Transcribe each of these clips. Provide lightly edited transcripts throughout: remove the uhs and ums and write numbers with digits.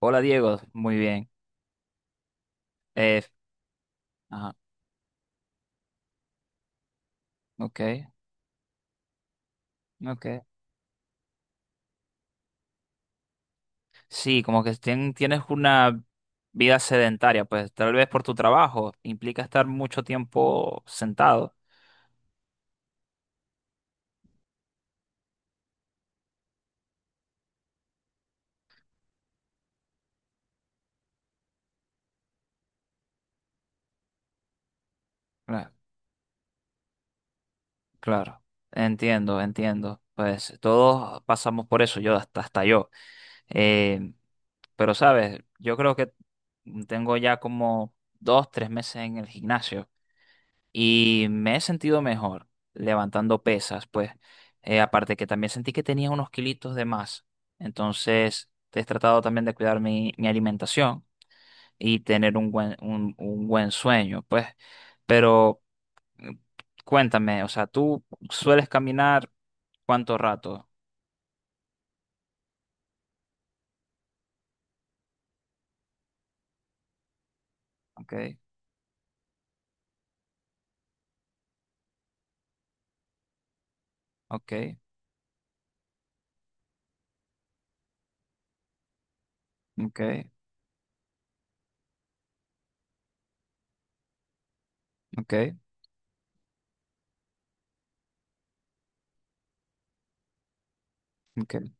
Hola Diego, muy bien. Eh, ajá, ok, ok. Sí, como que tienes una vida sedentaria, pues tal vez por tu trabajo implica estar mucho tiempo sentado. Cla- Claro, entiendo, entiendo. Pues todos pasamos por eso, yo hasta yo. Eh, pero sabes, yo creo que tengo ya como 2, 3 meses en el gimnasio. Y me he sentido mejor levantando pesas, pues. Aparte que también sentí que tenía unos kilitos de más. Entonces, he tratado también de cuidar mi alimentación y tener un buen sueño, pues. Pero mm, cuéntame, o sea, ¿tú sueles caminar cuánto rato? Ok, ok, ok, ok, ok.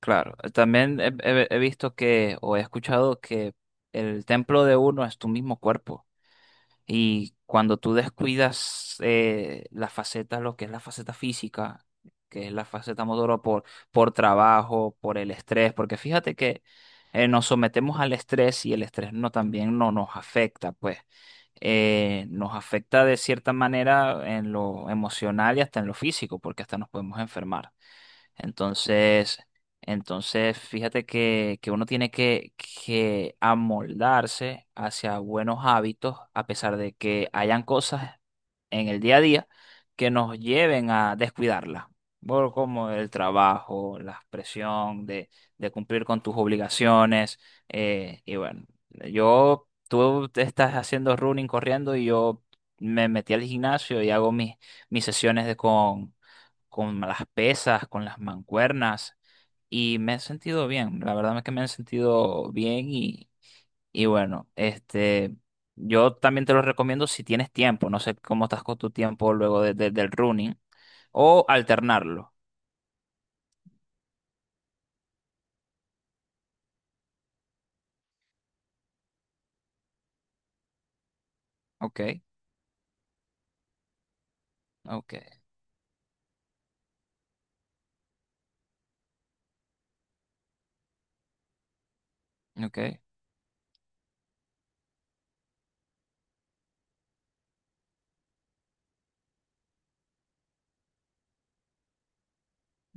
Claro, también he visto que, o he escuchado que el templo de uno es tu mismo cuerpo. Y cuando tú descuidas la faceta, lo que es la faceta física, que es la faceta motora por, trabajo, por el estrés, porque fíjate que nos sometemos al estrés y el estrés no también no nos afecta, pues nos afecta de cierta manera en lo emocional y hasta en lo físico, porque hasta nos podemos enfermar. Entonces, fíjate que, uno tiene que, amoldarse hacia buenos hábitos, a pesar de que hayan cosas en el día a día que nos lleven a descuidarlas. Por como el trabajo, la presión de cumplir con tus obligaciones. Y bueno, yo, tú te estás haciendo running corriendo y yo me metí al gimnasio y hago mis sesiones de, con las pesas, con las mancuernas y me he sentido bien, la verdad es que me he sentido bien y bueno, yo también te lo recomiendo si tienes tiempo, no sé cómo estás con tu tiempo luego del running o alternarlo. Ok, ok, ok,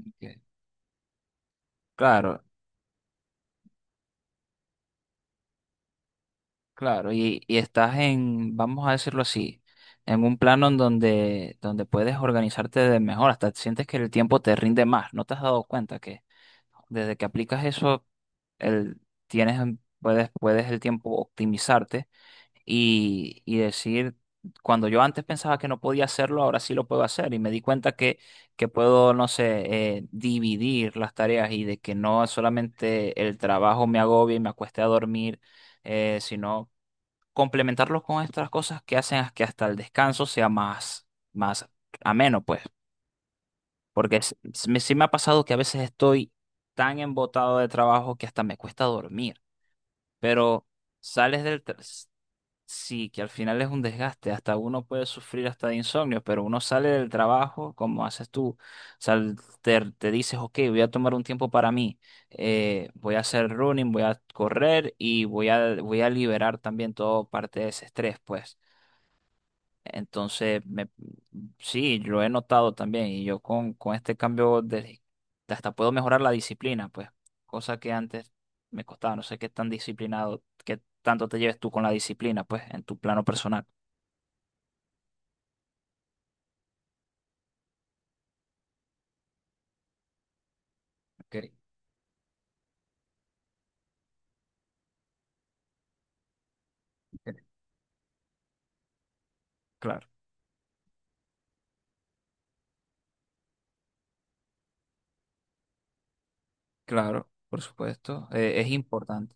ok. Claro, claro, y estás en, vamos a decirlo así, en un plano en donde, puedes organizarte de mejor, hasta sientes que el tiempo te rinde más. ¿No te has dado cuenta que, desde que aplicas eso, el, tienes, un- puedes, puedes el tiempo optimizarte y decir, cuando yo antes pensaba que no podía hacerlo, ahora sí lo puedo hacer? Y me di cuenta que, puedo, no sé, dividir las tareas y de que no solamente el trabajo me agobie y me acueste a dormir, sino complementarlo con estas cosas que hacen que hasta el descanso sea más ameno, pues. Porque sí me ha pasado que a veces estoy tan embotado de trabajo que hasta me cuesta dormir. Pero sales del... tra- s- Sí, que al final es un desgaste. Hasta uno puede sufrir hasta de insomnio, pero uno sale del trabajo, como haces tú. Sal- te dices, ok, voy a tomar un tiempo para mí. Voy a hacer running, voy a correr y voy a liberar también toda parte de ese estrés, pues. Entonces, sí, lo he notado también. Y yo con este cambio, hasta puedo mejorar la disciplina, pues, cosa que antes me costaba. No sé qué tan disciplinado, qué tanto te lleves tú con la disciplina, pues, en tu plano personal. Ok, ok. Claro, claro, por supuesto. Es importante.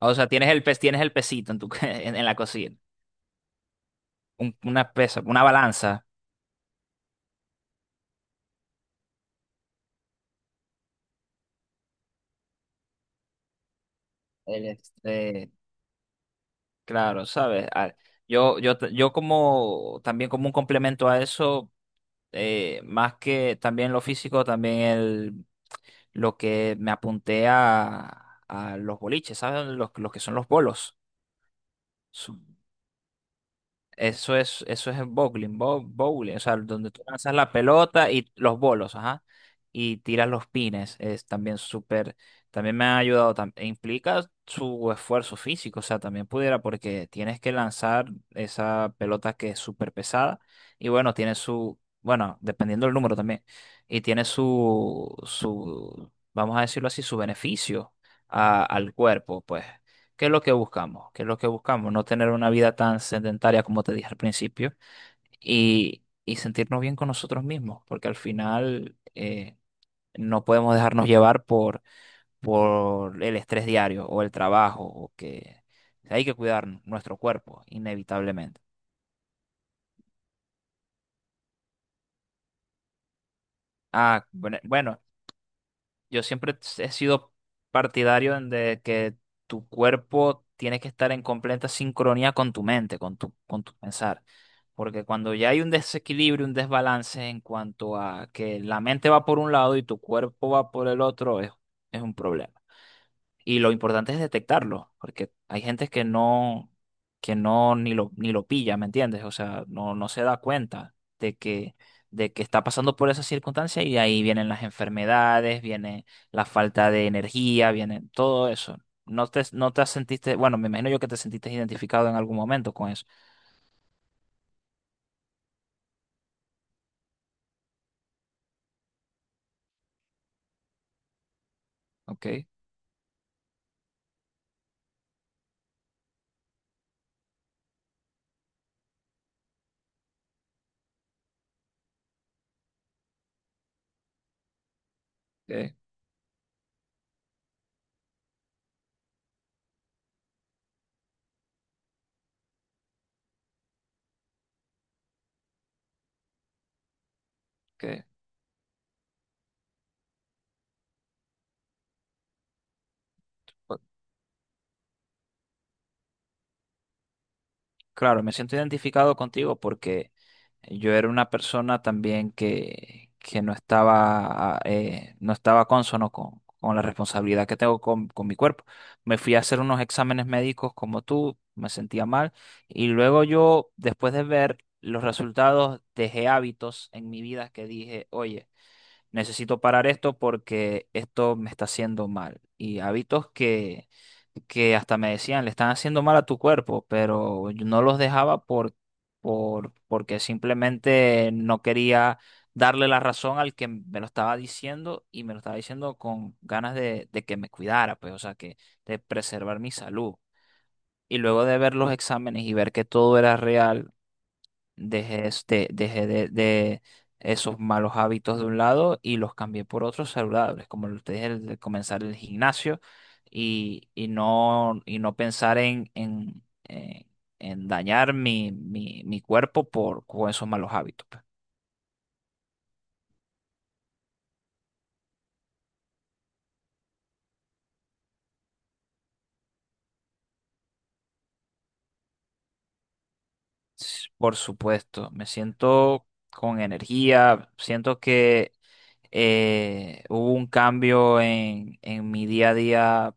O sea, tienes el pesito en en la cocina. Una pesa, una balanza. El, este, Claro, sabes. Yo como también como un complemento a eso. Más que también lo físico, también lo que me apunté a los boliches, ¿sabes? Los que son los bolos. Su- eso es el bowling, bowling, o sea, donde tú lanzas la pelota y los bolos, ajá, y tiras los pines, es también súper, también me ha ayudado, e implica su esfuerzo físico, o sea, también pudiera, porque tienes que lanzar esa pelota que es súper pesada, y bueno, tiene su, bueno, dependiendo del número también, y tiene vamos a decirlo así, su beneficio al cuerpo, pues. ¿Qué es lo que buscamos? ¿Qué es lo que buscamos? No tener una vida tan sedentaria como te dije al principio y sentirnos bien con nosotros mismos, porque al final no podemos dejarnos llevar por, el estrés diario o el trabajo, o que hay que cuidar nuestro cuerpo, inevitablemente. Ah, bueno, bueno, yo siempre he sido partidario en de que tu cuerpo tiene que estar en completa sincronía con tu mente, con tu pensar. Porque cuando ya hay un desequilibrio, un desbalance en cuanto a que la mente va por un lado y tu cuerpo va por el otro, es un problema. Y lo importante es detectarlo, porque hay gente que no, ni lo, pilla, ¿me entiendes? O sea, no, no se da cuenta de que, está pasando por esa circunstancia, y de ahí vienen las enfermedades, viene la falta de energía, viene todo eso. No te sentiste, bueno, me imagino yo que te sentiste identificado en algún momento con eso. Ok, ok, ok. Claro, me siento identificado contigo porque yo era una persona también que, no estaba, no estaba cónsono con la responsabilidad que tengo con mi cuerpo. Me fui a hacer unos exámenes médicos como tú, me sentía mal y luego yo, después de ver los resultados, dejé hábitos en mi vida que dije, oye, necesito parar esto porque esto me está haciendo mal. Y hábitos que, hasta me decían, le están haciendo mal a tu cuerpo, pero yo no los dejaba porque simplemente no quería darle la razón al que me lo estaba diciendo y me lo estaba diciendo con ganas de que me cuidara, pues, o sea, que de preservar mi salud. Y luego de ver los exámenes y ver que todo era real, dejé de esos malos hábitos de un lado y los cambié por otros saludables, como lo te dije, el de comenzar el gimnasio y no pensar en dañar mi cuerpo con esos malos hábitos. Por supuesto, me siento con energía, siento que hubo un cambio en mi día a día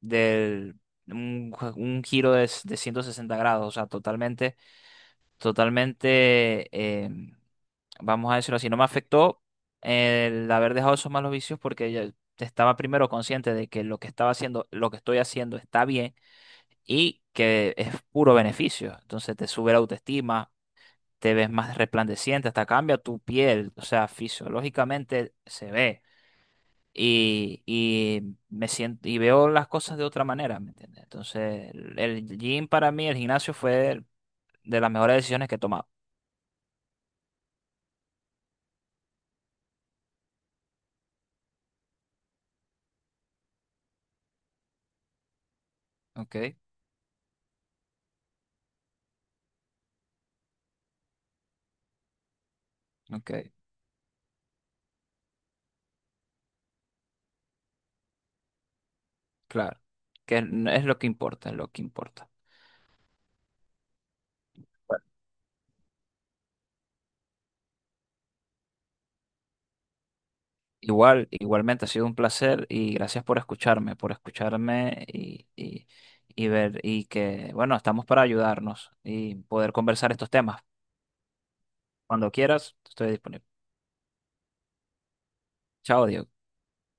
del un giro de 160 grados, o sea, totalmente, totalmente, vamos a decirlo así, no me afectó el haber dejado esos malos vicios porque ya estaba primero consciente de que lo que estaba haciendo, lo que estoy haciendo está bien y que es puro beneficio. Entonces te sube la autoestima, te ves más resplandeciente, hasta cambia tu piel, o sea, fisiológicamente se ve. Y me siento y veo las cosas de otra manera, ¿me entiendes? Entonces, el gym para mí, el gimnasio fue de las mejores decisiones que he tomado. Ok, ok, claro. Que es lo que importa, es lo que importa. Bueno. Igualmente ha sido un placer y gracias por escucharme y ver, bueno, estamos para ayudarnos y poder conversar estos temas. Cuando quieras, estoy disponible. Chao, Diego.